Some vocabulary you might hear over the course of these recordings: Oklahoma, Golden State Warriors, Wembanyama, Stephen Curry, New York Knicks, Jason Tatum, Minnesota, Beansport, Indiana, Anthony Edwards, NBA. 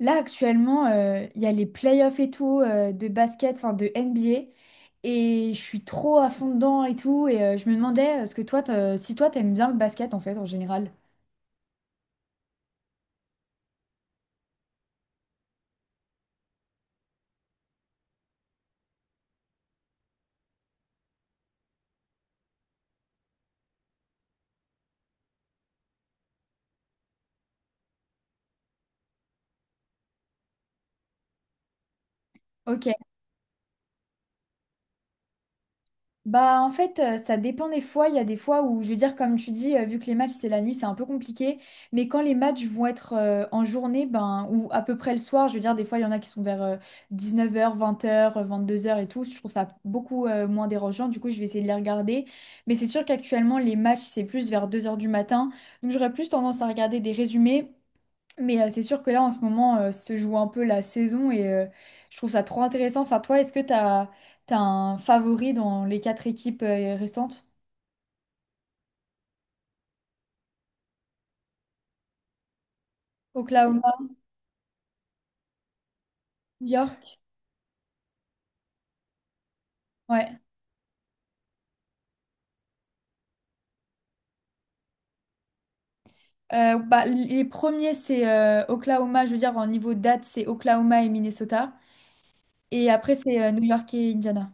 Là, actuellement, il y a les playoffs et tout de basket, enfin de NBA. Et je suis trop à fond dedans et tout. Et je me demandais, ce que toi, si toi, t'aimes bien le basket en fait, en général. Ok. Bah en fait ça dépend des fois, il y a des fois où je veux dire comme tu dis vu que les matchs c'est la nuit, c'est un peu compliqué, mais quand les matchs vont être en journée ben ou à peu près le soir, je veux dire des fois il y en a qui sont vers 19h, 20h, 22h et tout, je trouve ça beaucoup moins dérangeant, du coup je vais essayer de les regarder, mais c'est sûr qu'actuellement les matchs c'est plus vers 2 heures du matin, donc j'aurais plus tendance à regarder des résumés. Mais c'est sûr que là, en ce moment, se joue un peu la saison et je trouve ça trop intéressant. Enfin, toi, est-ce que tu as, un favori dans les 4 équipes restantes? Oklahoma, New York? Ouais. Bah, les premiers, c'est Oklahoma, je veux dire, en niveau date, c'est Oklahoma et Minnesota. Et après, c'est New York et Indiana.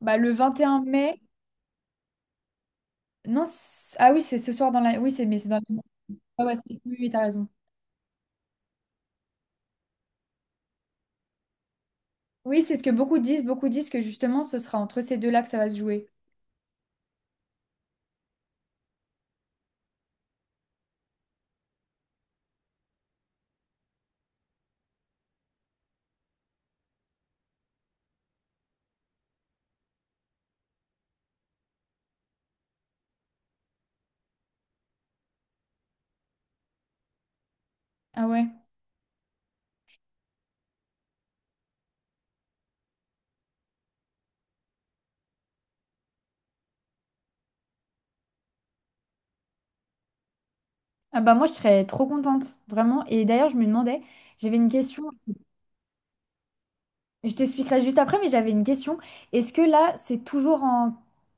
Bah, le 21 mai, non, ah oui, c'est ce soir dans la. Oui, c'est mais c'est dans la. Ah ouais, oui, oui, t'as raison. Oui, c'est ce que beaucoup disent. Beaucoup disent que justement, ce sera entre ces deux-là que ça va se jouer. Ah ouais. Ah bah moi, je serais trop contente, vraiment. Et d'ailleurs, je me demandais, j'avais une question, je t'expliquerai juste après, mais j'avais une question. Est-ce que là, c'est toujours en,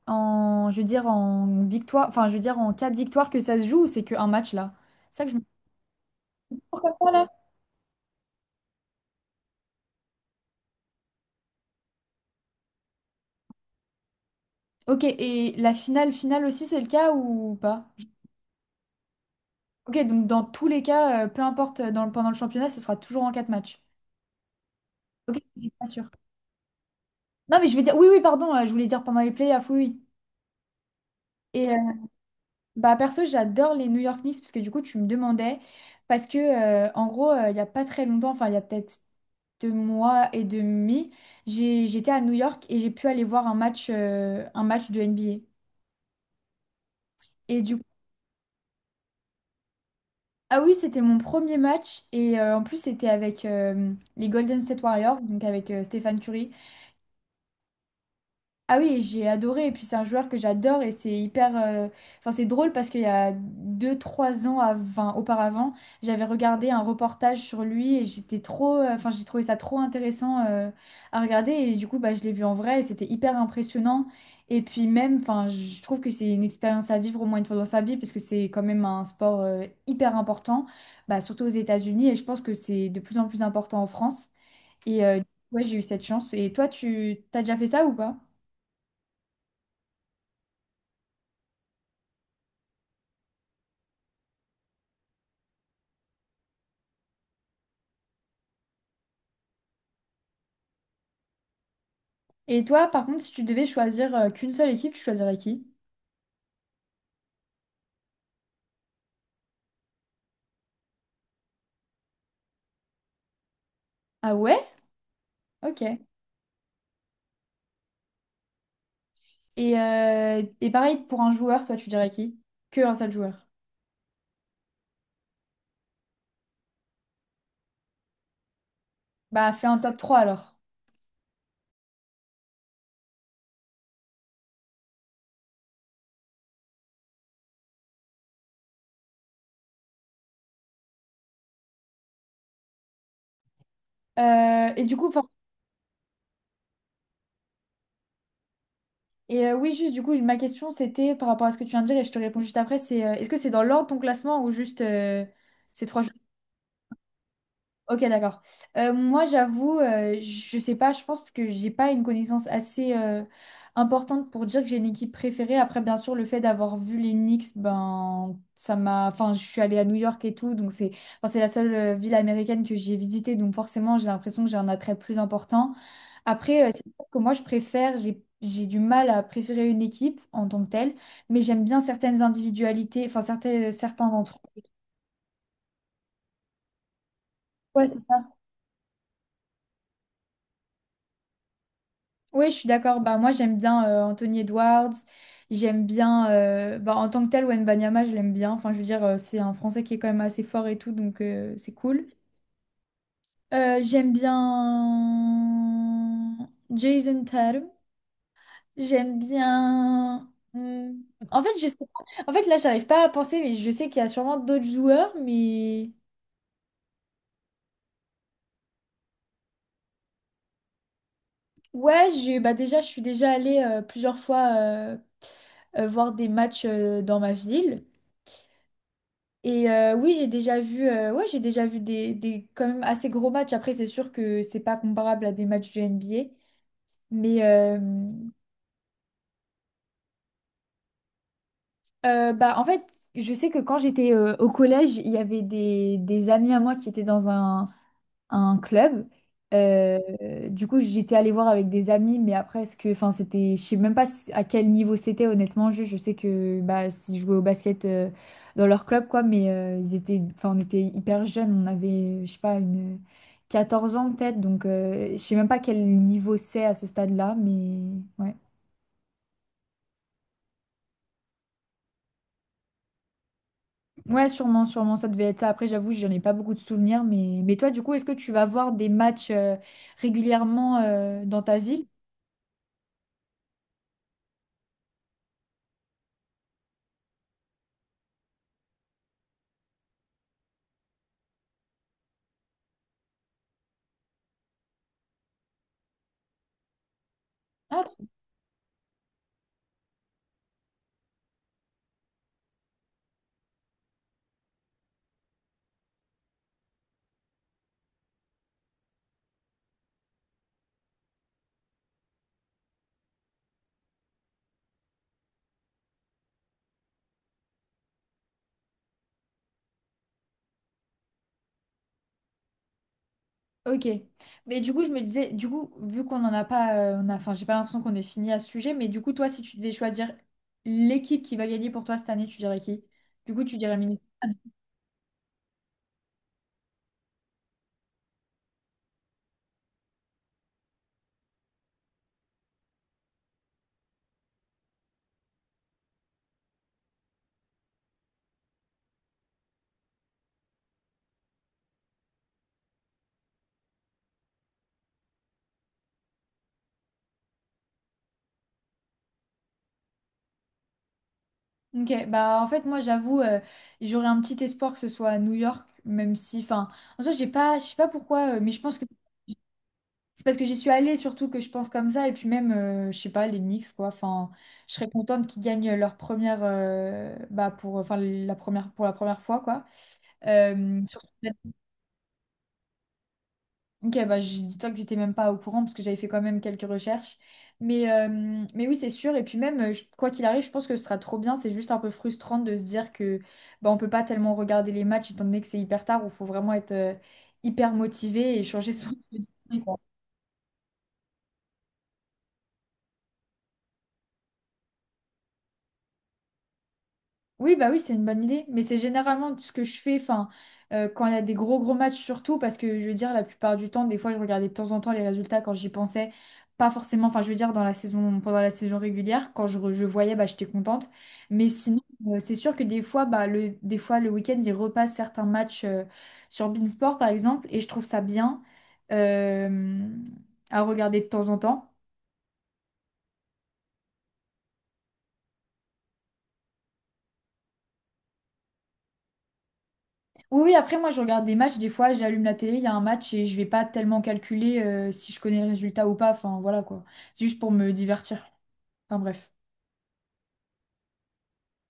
en, je veux dire, en victoire, enfin, je veux dire, en cas de victoire que ça se joue ou c'est qu'un match là? C'est ça que je me. Pourquoi pas, là? Ok, et la finale, finale aussi, c'est le cas ou pas? Ok, donc dans tous les cas, peu importe dans, pendant le championnat, ce sera toujours en quatre de. Ok, j'étais pas sûr. Non, mais je veux dire, oui, oui, pardon, je voulais dire pendant les playoffs, oui, oui. Bah perso, j'adore les New York Knicks parce que du coup, tu me demandais parce que en gros, il y a pas très longtemps, enfin il y a peut-être 2 mois et demi, j'étais à New York et j'ai pu aller voir un match de NBA. Et du coup, ah oui, c'était mon premier match et en plus c'était avec les Golden State Warriors, donc avec Stephen Curry. Ah oui, j'ai adoré. Et puis c'est un joueur que j'adore et c'est hyper. Enfin, c'est drôle parce qu'il y a deux trois ans enfin, auparavant, j'avais regardé un reportage sur lui et j'étais trop. Enfin, j'ai trouvé ça trop intéressant à regarder. Et du coup, bah, je l'ai vu en vrai et c'était hyper impressionnant. Et puis même, enfin, je trouve que c'est une expérience à vivre au moins une fois dans sa vie parce que c'est quand même un sport hyper important, bah, surtout aux États-Unis. Et je pense que c'est de plus en plus important en France. Et ouais, j'ai eu cette chance. Et toi, tu t'as déjà fait ça ou pas? Et toi, par contre, si tu devais choisir qu'une seule équipe, tu choisirais qui? Ah ouais? Ok. Et pareil, pour un joueur, toi, tu dirais qui? Que un seul joueur. Bah, fais un top trois alors. Et du coup, enfin, et oui, juste, du coup, ma question, c'était par rapport à ce que tu viens de dire, et je te réponds juste après, c'est est-ce que c'est dans l'ordre ton classement ou juste ces trois. Ok, d'accord. Moi, j'avoue, je sais pas, je pense que j'ai pas une connaissance assez importante pour dire que j'ai une équipe préférée. Après, bien sûr, le fait d'avoir vu les Knicks, ben, ça m'a. Enfin, je suis allée à New York et tout, donc c'est enfin, c'est la seule ville américaine que j'ai visitée, donc forcément, j'ai l'impression que j'ai un attrait plus important. Après, c'est sûr que moi, je préfère, j'ai du mal à préférer une équipe en tant que telle, mais j'aime bien certaines individualités, enfin, certains d'entre eux. Ouais, c'est ça. Oui, je suis d'accord. Bah, moi, j'aime bien Anthony Edwards. J'aime bien, bah, en tant que tel, Wembanyama, je l'aime bien. Enfin, je veux dire, c'est un Français qui est quand même assez fort et tout, donc c'est cool. J'aime bien Jason Tatum. J'aime bien. Hmm. En fait, je sais pas. En fait, là, j'arrive pas à penser, mais je sais qu'il y a sûrement d'autres joueurs, mais ouais, j'ai bah déjà, je suis déjà allée plusieurs fois voir des matchs dans ma ville. Et oui, j'ai déjà vu, ouais, j'ai déjà vu des quand même assez gros matchs. Après, c'est sûr que c'est pas comparable à des matchs du NBA. Mais bah, en fait, je sais que quand j'étais au collège, il y avait des amis à moi qui étaient dans un club. Du coup, j'étais allée voir avec des amis, mais après, ce que, enfin, c'était, je sais même pas à quel niveau c'était, honnêtement. Je sais que bah, s'ils jouaient au basket dans leur club, quoi, mais ils étaient, enfin, on était hyper jeunes, on avait, je sais pas, une 14 ans peut-être, donc je sais même pas quel niveau c'est à ce stade-là, mais ouais. Ouais, sûrement, sûrement, ça devait être ça. Après, j'avoue, j'en ai pas beaucoup de souvenirs, mais toi, du coup, est-ce que tu vas voir des matchs régulièrement dans ta ville? Ah, Ok. Mais du coup, je me disais, du coup, vu qu'on n'en a pas, on a, enfin, j'ai pas l'impression qu'on ait fini à ce sujet, mais du coup, toi, si tu devais choisir l'équipe qui va gagner pour toi cette année, tu dirais qui? Du coup, tu dirais Minnesota. Ok, bah en fait, moi, j'avoue, j'aurais un petit espoir que ce soit à New York, même si, enfin, en soi, j'ai pas, je sais pas pourquoi, mais je pense que c'est parce que j'y suis allée surtout que je pense comme ça, et puis même, je sais pas, les Knicks, quoi, enfin, je serais contente qu'ils gagnent leur première, bah, pour, enfin, la première, pour la première fois, quoi. Surtout. Ok, bah, dis-toi que j'étais même pas au courant parce que j'avais fait quand même quelques recherches. Mais oui, c'est sûr. Et puis même, quoi qu'il arrive, je pense que ce sera trop bien. C'est juste un peu frustrant de se dire que bah, on peut pas tellement regarder les matchs étant donné que c'est hyper tard où il faut vraiment être hyper motivé et changer son. Oui, bah oui, c'est une bonne idée. Mais c'est généralement ce que je fais, enfin, quand il y a des gros gros matchs surtout, parce que je veux dire, la plupart du temps, des fois, je regardais de temps en temps les résultats quand j'y pensais. Pas forcément, enfin, je veux dire, dans la saison, pendant la saison régulière, quand je voyais, bah, j'étais contente. Mais sinon, c'est sûr que des fois, bah, des fois, le week-end, ils repassent certains matchs sur Beansport, par exemple, et je trouve ça bien euh, à regarder de temps en temps. Oui, oui, après moi je regarde des matchs, des fois j'allume la télé, il y a un match et je vais pas tellement calculer si je connais le résultat ou pas, enfin voilà quoi. C'est juste pour me divertir. Enfin bref.